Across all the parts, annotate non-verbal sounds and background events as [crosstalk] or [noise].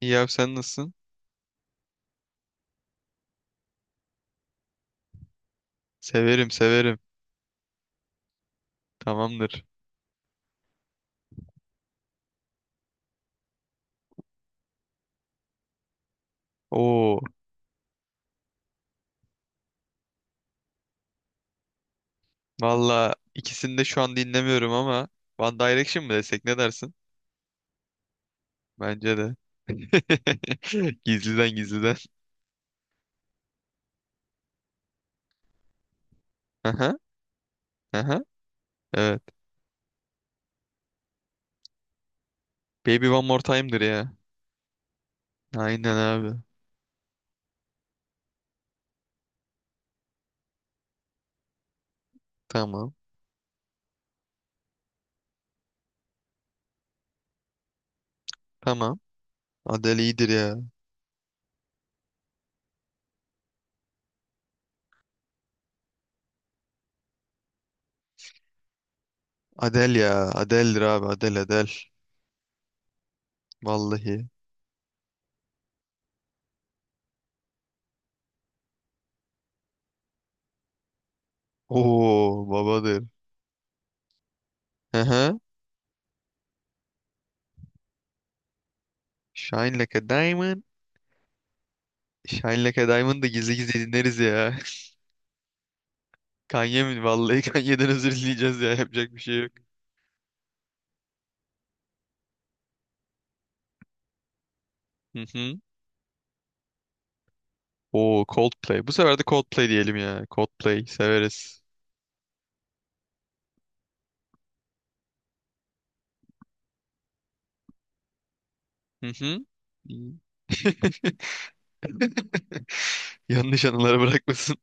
İyi abi sen nasılsın? Severim severim. Tamamdır. Oo, valla ikisini de şu an dinlemiyorum ama One Direction mi desek ne dersin? Bence de. [laughs] Gizliden gizliden. Aha, aha. Evet. Baby One More Time'dır ya. Aynen abi. Tamam. Tamam. Adele iyidir ya. Adele ya. Adele'dir abi. Adele Adele. Vallahi. Oo, babadır. Aha. Shine Like a Diamond. Shine Like a Diamond da gizli gizli dinleriz ya. Kanye mi? Vallahi, [laughs] Kanye'den özür dileyeceğiz ya. Yapacak bir şey yok. Hı hı. Oo, Coldplay. Bu sefer de Coldplay diyelim ya. Coldplay severiz. Hı hı. İyi. [laughs] Yanlış anılara bırakmasın.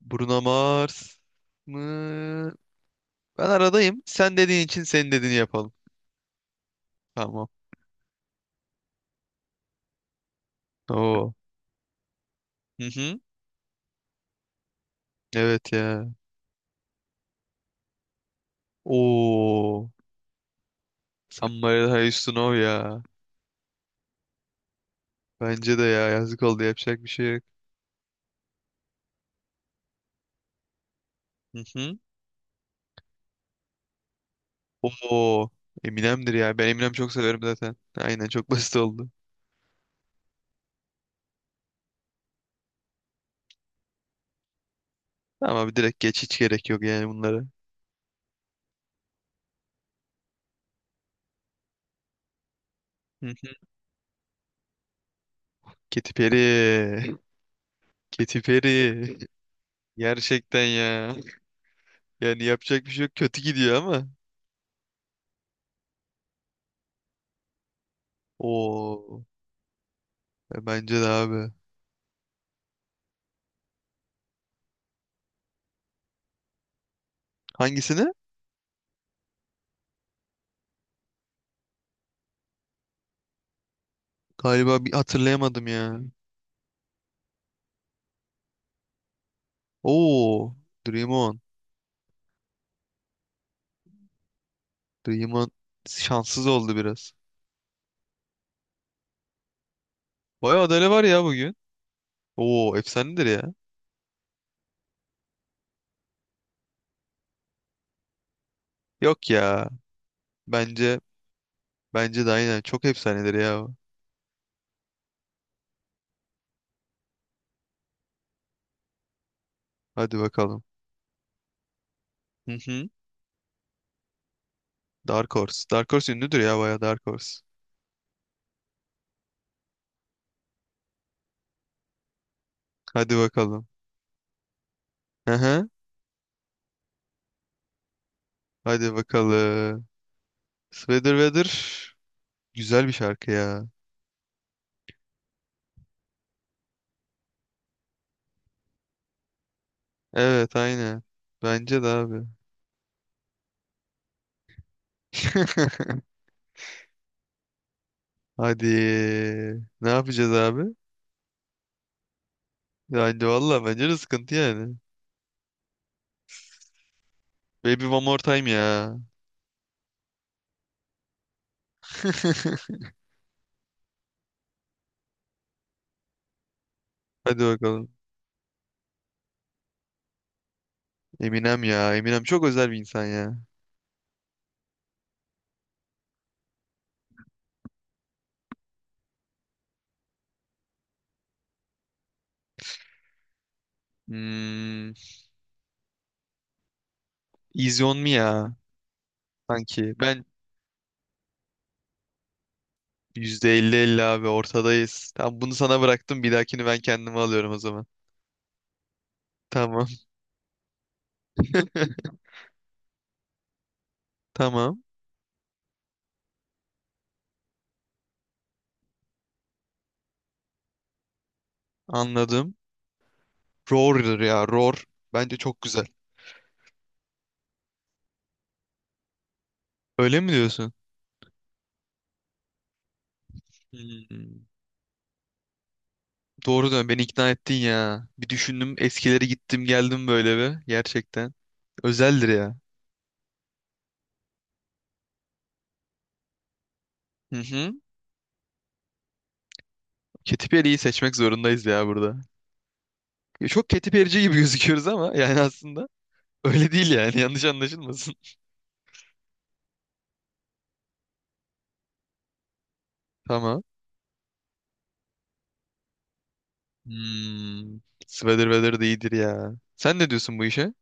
Bruno Mars mı? Ben aradayım. Sen dediğin için senin dediğini yapalım. Tamam. Oo. Hı hı. Evet ya. Oo. Somebody I used to know ya. Bence de ya, yazık oldu, yapacak bir şey yok. Hı hı. Oo, Eminem'dir ya. Ben Eminem çok severim zaten. Aynen, çok basit oldu. Ama abi direkt geç, hiç gerek yok yani bunlara. Hı hı. Katy Perry. Katy Perry. Gerçekten ya. Yani yapacak bir şey yok. Kötü gidiyor ama. Oo. Bence de abi. Hangisini? Galiba bir hatırlayamadım ya. Oo. Dream On. Dream On şanssız oldu biraz. Bayağı adale var ya bugün. Oo, efsanedir ya. Yok ya. Bence bence de aynen çok efsanedir ya. Hadi bakalım. Hı hı. Dark Horse. Dark Horse ünlüdür ya, bayağı Dark Horse. Hadi bakalım. Hı hı. Hadi bakalım. Sweater Weather güzel bir şarkı ya. Evet, aynı. Bence de abi. [laughs] Hadi. Ne yapacağız abi? Yani valla bence de sıkıntı yani. Baby One More Time ya. [laughs] Hadi bakalım. Eminem ya. Eminem çok özel bir insan ya. Hmm, Easy On Me ya. Sanki. Ben %50-50 abi, ortadayız. Tamam, bunu sana bıraktım. Bir dahakini ben kendime alıyorum o zaman. Tamam. [laughs] Tamam. Anladım. Roar'dır ya. Roar. Bence çok güzel. Öyle mi diyorsun? Hmm. Doğru dön. Beni ikna ettin ya. Bir düşündüm. Eskileri gittim geldim böyle bir. Gerçekten. Özeldir ya. Hı hı. Katy Perry'yi seçmek zorundayız ya burada. Ya, çok Katy Perry'ci gibi [laughs] gözüküyoruz ama yani aslında öyle değil yani. Yanlış anlaşılmasın. [laughs] Tamam. Hmm. Sweater weather de iyidir ya. Sen ne diyorsun bu işe?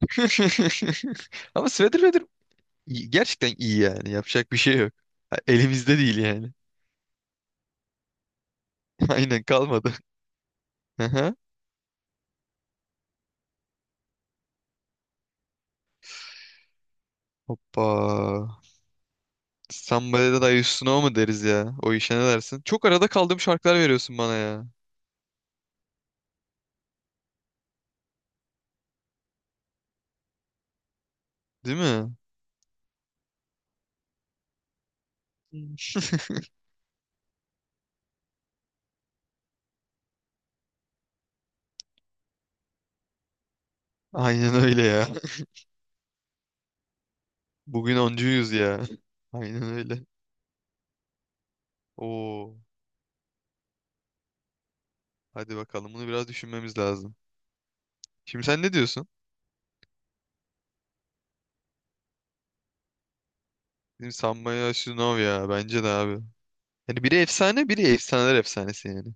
[laughs] Ama sweater weather gerçekten iyi yani. Yapacak bir şey yok. Ha, elimizde değil yani. [laughs] Aynen, kalmadı. Aha. Hoppa. Somebody that I used to know mu deriz ya? O işe ne dersin? Çok arada kaldığım şarkılar veriyorsun bana ya. Değil mi? Hmm. [laughs] Aynen öyle ya. Bugün oncuyuz ya. Aynen öyle. Oo. Hadi bakalım, bunu biraz düşünmemiz lazım. Şimdi sen ne diyorsun? Bizim Sambaya Shunov ya, bence de abi. Yani biri efsane, biri efsaneler efsanesi yani.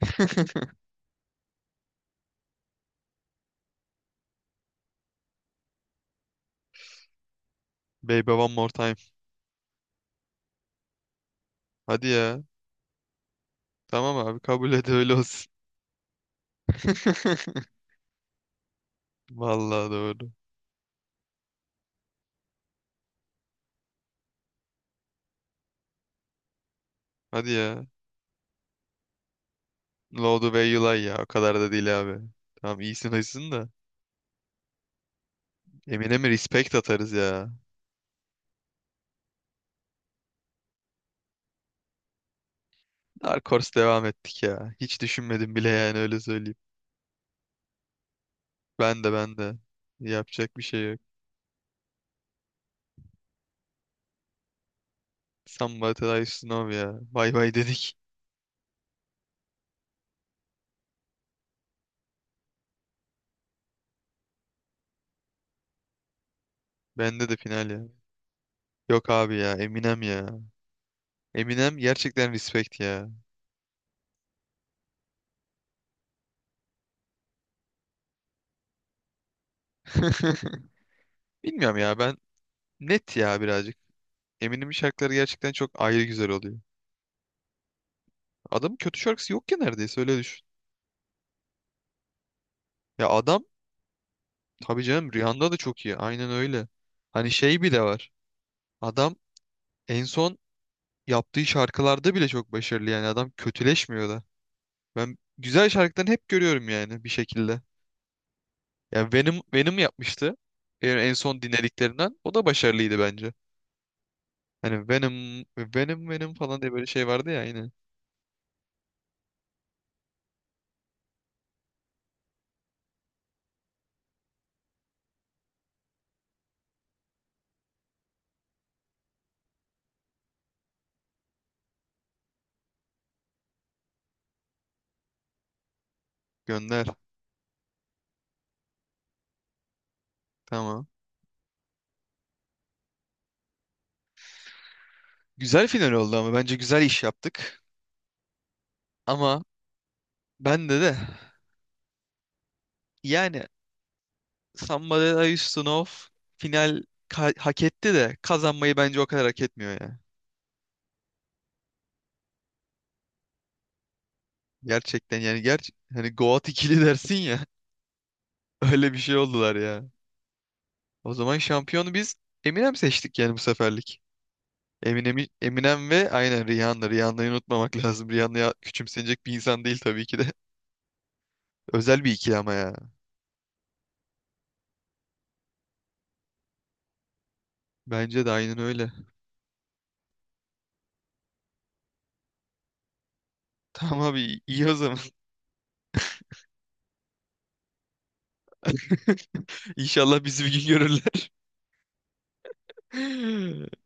[laughs] Baby one more time. Hadi ya. Tamam abi, kabul et, öyle olsun. [laughs] Vallahi doğru. Hadi ya. Lorde ve Yulay ya. O kadar da değil abi. Tamam, iyisin hoşsun da. Emine mi respect atarız ya. Dark Horse devam ettik ya. Hiç düşünmedim bile, yani öyle söyleyeyim. Ben de. Yapacak bir şey yok. Samba Tadashi Snow ya. Bay bay dedik. Bende de final ya. Yok abi ya, Eminem ya. Eminem gerçekten respect ya. [laughs] Bilmiyorum ya, ben net ya birazcık. Eminem'in şarkıları gerçekten çok ayrı güzel oluyor. Adamın kötü şarkısı yok ki neredeyse, öyle düşün. Ya adam, tabii canım, Rihanna da çok iyi. Aynen öyle. Hani şey, bir de var. Adam en son yaptığı şarkılarda bile çok başarılı, yani adam kötüleşmiyor da. Ben güzel şarkılarını hep görüyorum yani bir şekilde. Ya Venom Venom yapmıştı. En son dinlediklerinden o da başarılıydı bence. Hani Venom Venom Venom falan diye böyle şey vardı ya yine. Gönder. Tamam. Güzel final oldu ama bence güzel iş yaptık. Ama bende de yani Somebody I Used to Know final hak etti de, kazanmayı bence o kadar hak etmiyor ya. Gerçekten yani, hani Goat ikili dersin ya, [laughs] öyle bir şey oldular ya. O zaman şampiyonu biz Eminem seçtik yani bu seferlik. Eminem, Eminem ve aynen Rihanna. Rihanna'yı unutmamak [laughs] lazım. Rihanna ya- küçümsenecek bir insan değil tabii ki de. [laughs] Özel bir ikili ama ya. Bence de aynen öyle. Tamam abi, iyi o zaman. [laughs] İnşallah bizi bir gün görürler. [laughs]